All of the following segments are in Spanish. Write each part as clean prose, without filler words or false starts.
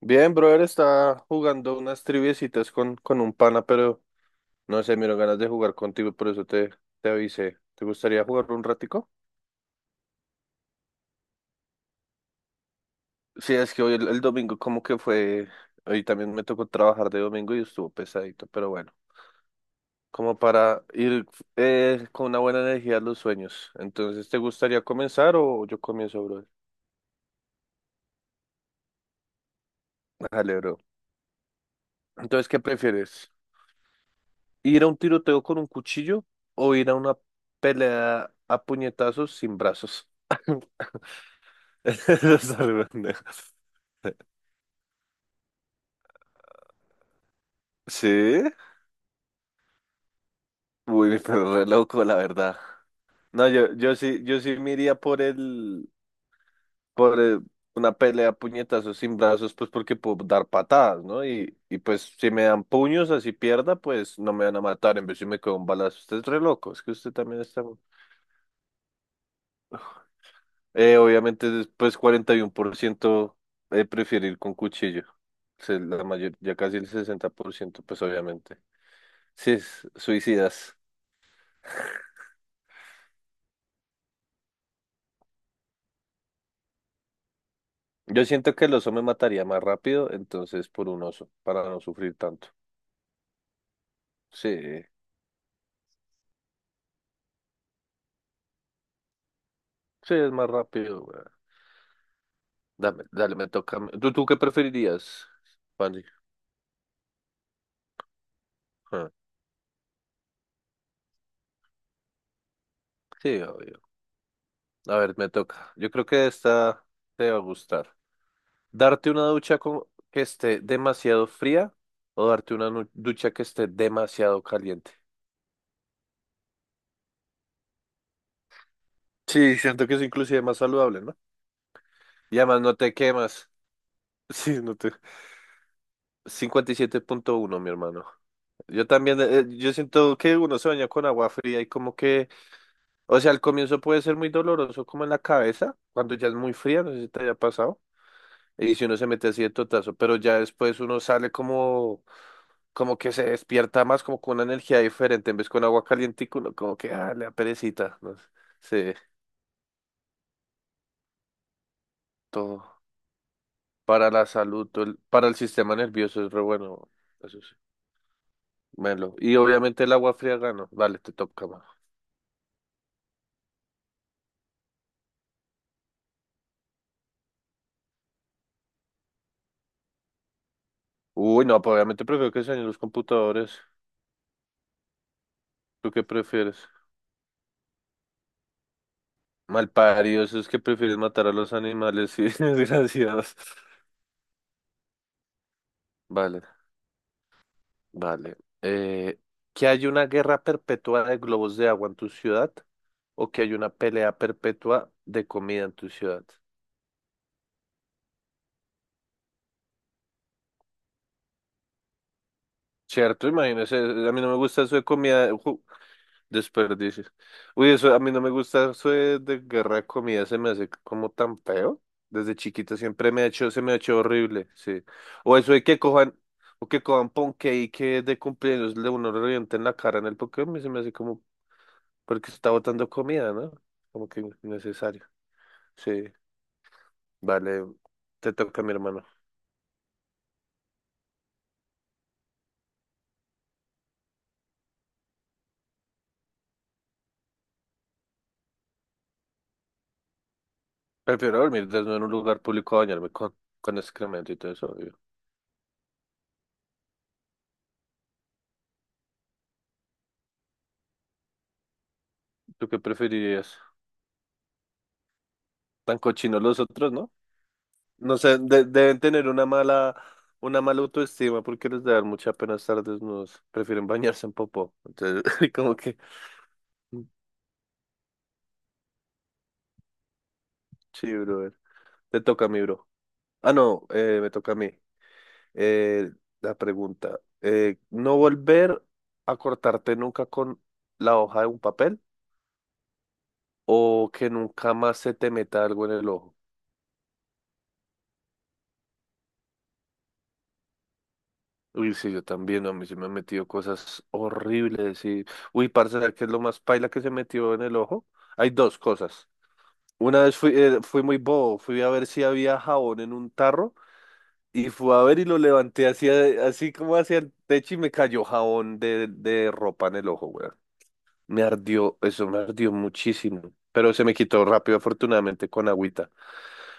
Bien, brother, está jugando unas triviecitas con un pana, pero no sé, me dieron ganas de jugar contigo, por eso te avisé. ¿Te gustaría jugar un ratico? Sí, es que hoy el domingo como que fue, hoy también me tocó trabajar de domingo y estuvo pesadito, pero bueno, como para ir con una buena energía a los sueños. Entonces, ¿te gustaría comenzar o yo comienzo, brother? Dale, bro. Entonces, ¿qué prefieres? ¿Ir a un tiroteo con un cuchillo o ir a una pelea a puñetazos sin brazos? No sabe Sí, uy, pero re loco, la verdad. No, yo sí me iría por el, por el- una pelea a puñetazos sin brazos, pues porque puedo dar patadas, ¿no? Y pues si me dan puños así pierda, pues no me van a matar, en vez si me quedo un balazo. Usted es re loco, es que usted también está. Obviamente después 41% prefiere ir con cuchillo. La mayor, ya casi el 60% pues obviamente. Sí, suicidas. Yo siento que el oso me mataría más rápido, entonces por un oso, para no sufrir tanto. Sí, sí, es más rápido, güey. Dame, dale, me toca a mí. ¿Tú qué preferirías, Fanny? Ah, sí, obvio. A ver, me toca. Yo creo que esta te va a gustar. ¿Darte una ducha que esté demasiado fría o darte una ducha que esté demasiado caliente? Sí, siento que es inclusive más saludable, ¿no? Y además no te quemas. Sí, no te... 57.1 mi hermano. Yo también, yo siento que uno se baña con agua fría y como que, o sea, al comienzo puede ser muy doloroso como en la cabeza, cuando ya es muy fría, no sé si te haya pasado, y si uno se mete así de totazo, pero ya después uno sale como que se despierta más, como con una energía diferente, en vez con agua caliente, uno como que, ah, le da perecita, no sé, sí, todo, para la salud, para el sistema nervioso es re bueno, eso sí, melo, y obviamente el agua fría gano, dale, te toca, mano. Uy, no, pues obviamente prefiero que se dañen los computadores. ¿Tú qué prefieres? Malparidos, esos que prefieres matar a los animales, sí, desgraciados. Vale, vale. Eh, ¿Que hay una guerra perpetua de globos de agua en tu ciudad o que hay una pelea perpetua de comida en tu ciudad? Cierto, imagínese, a mí no me gusta eso de comida. Desperdicio. Uy, eso a mí no me gusta eso de guerra de comida, se me hace como tan feo. Desde chiquito siempre me ha hecho, se me ha hecho horrible, sí. O eso de que cojan, o que cojan ponqué y que de cumpleaños le uno le revienten la cara en el Pokémon, se me hace como, porque está botando comida, ¿no? Como que innecesario. Sí, vale, te toca mi hermano. Prefiero dormir desnudo en un lugar público a bañarme con excremento y todo eso, obvio. ¿Tú qué preferirías? Tan cochinos los otros, ¿no? No sé, deben tener una mala autoestima porque les da mucha pena estar desnudos. Prefieren bañarse en popó. Entonces, como que, mm, sí, brother. Te toca a mí, bro. Ah, no, me toca a mí. Eh, la pregunta. ¿No volver a cortarte nunca con la hoja de un papel? ¿O que nunca más se te meta algo en el ojo? Uy, sí, yo también, a mí se me han metido cosas horribles. Y... Uy, parce, ¿sabes qué es lo más paila que se metió en el ojo? Hay dos cosas. Una vez fui muy bobo, fui a ver si había jabón en un tarro y fui a ver y lo levanté así como hacia el techo y me cayó jabón de ropa en el ojo, weón. Me ardió, eso me ardió muchísimo, pero se me quitó rápido, afortunadamente, con agüita.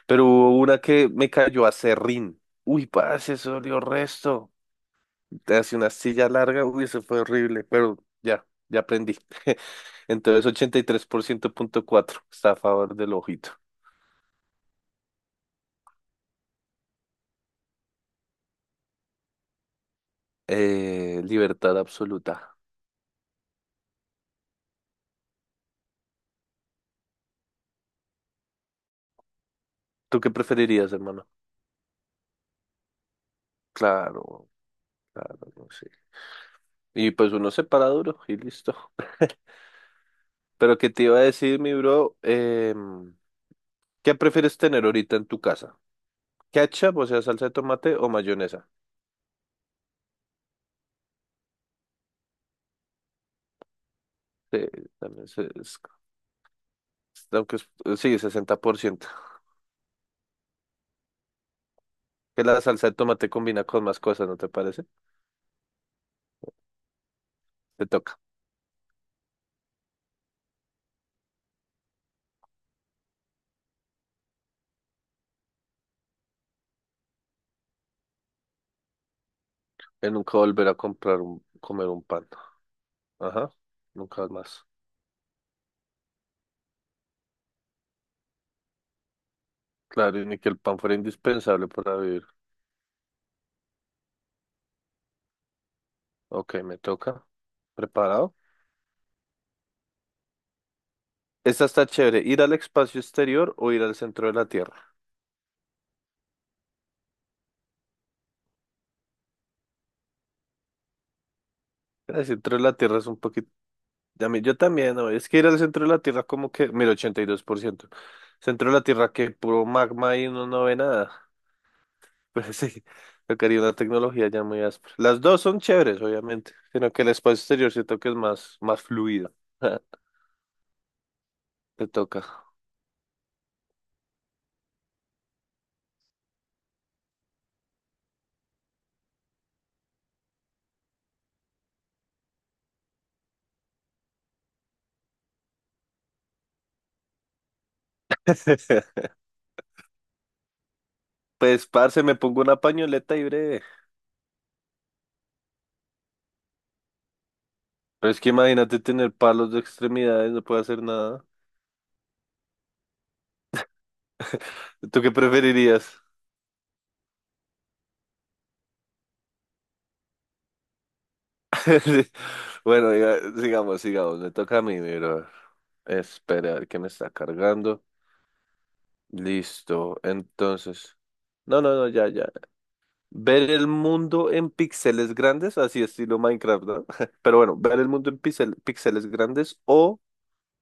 Pero hubo una que me cayó a serrín. Uy, parce, eso dolió resto. Te hace una silla larga, uy, eso fue horrible, pero ya, ya aprendí. Entonces, 83.4% está a favor del ojito. Libertad absoluta. ¿Tú qué preferirías, hermano? Claro, claro, no sé. Y pues uno se para duro y listo. Pero qué te iba a decir, mi bro, ¿qué prefieres tener ahorita en tu casa? ¿Ketchup, o sea, salsa de tomate o mayonesa? Sí, también aunque es- sí, 60%. Que la salsa de tomate combina con más cosas, ¿no te parece? Te toca. Que nunca volver a comer un pan. Ajá, nunca más. Claro, y ni que el pan fuera indispensable para vivir. Ok, me toca. ¿Preparado? Esta está chévere. ¿Ir al espacio exterior o ir al centro de la Tierra? El centro de la Tierra es un poquito... Yo también, ¿no? Es que ir al centro de la Tierra como que... Mira, 82%. Centro de la Tierra que puro magma y uno no ve nada. Pero sí, tocaría una tecnología ya muy áspera. Las dos son chéveres, obviamente. Sino que el espacio exterior siento que es más, más fluido. Te toca. Pues, parce, me pongo una pañoleta y breve. Pero es que imagínate tener palos de extremidades, no puedo hacer nada. ¿Tú qué preferirías? Sí. Bueno, sigamos, sigamos. Me toca a mí, pero esperar que me está cargando. Listo. Entonces. No, no, no, ya, ya. Ver el mundo en píxeles grandes, así estilo Minecraft, ¿no? Pero bueno, ver el mundo en píxeles grandes o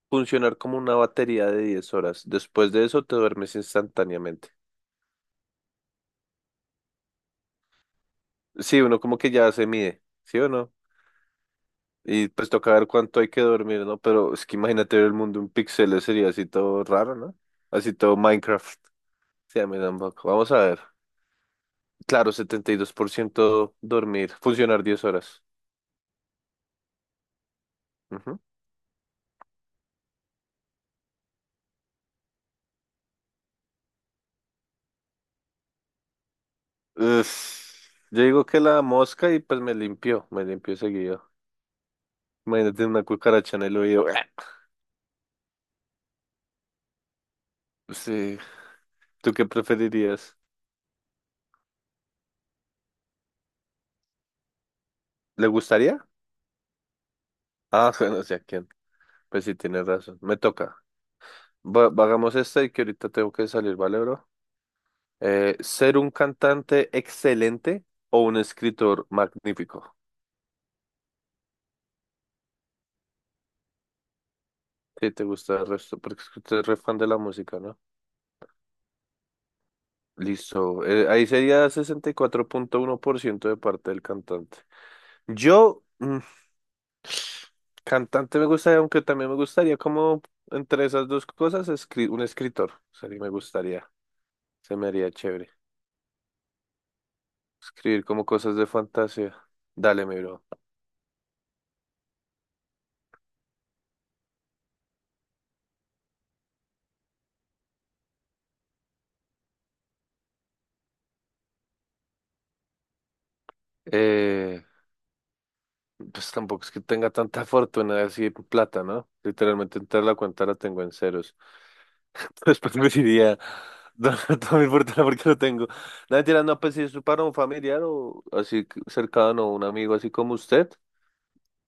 funcionar como una batería de 10 horas. Después de eso te duermes instantáneamente. Sí, uno como que ya se mide, ¿sí o no? Y pues toca ver cuánto hay que dormir, ¿no? Pero es que imagínate ver el mundo en píxeles sería así todo raro, ¿no? Así todo Minecraft. Sí, a mí tampoco. Vamos a ver. Claro, 72% dormir, funcionar 10 horas. Ujú. Es- Yo digo que la mosca y pues me limpió seguido. Imagínate una cucaracha en el oído. Sí. ¿Tú qué preferirías? ¿Le gustaría? Ah, bueno, sé a quién. Pues sí, tienes razón. Me toca. Hagamos esta y que ahorita tengo que salir, ¿vale, bro? ¿Ser un cantante excelente o un escritor magnífico? ¿Qué te gusta el resto? Porque es que usted es re fan de la música, ¿no? Listo. Ahí sería 64.1% de parte del cantante. Yo, cantante me gustaría, aunque también me gustaría como entre esas dos cosas, un escritor. Sería, me gustaría. Se me haría chévere. Escribir como cosas de fantasía. Dale, mi bro. Eh, Pues tampoco es que tenga tanta fortuna así de plata, ¿no? Literalmente entrar a la cuenta la tengo en ceros. Entonces preferiría donar toda mi fortuna porque lo tengo. No, mentira, no, pues si es para un familiar o así cercano, un amigo así como usted.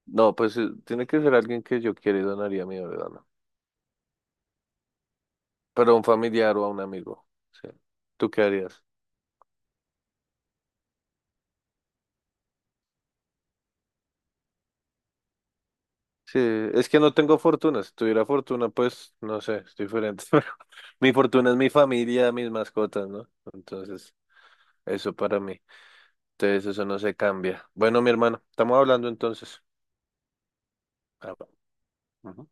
No, pues tiene que ser alguien que yo quiera y donaría mi órgano. Pero a un familiar o a un amigo. Sí. ¿Tú qué harías? Sí, es que no tengo fortuna. Si tuviera fortuna, pues no sé, es diferente. Pero mi fortuna es mi familia, mis mascotas, ¿no? Entonces. Eso para mí. Entonces eso no se cambia. Bueno, mi hermano, estamos hablando entonces. Ah, bueno. Ujú.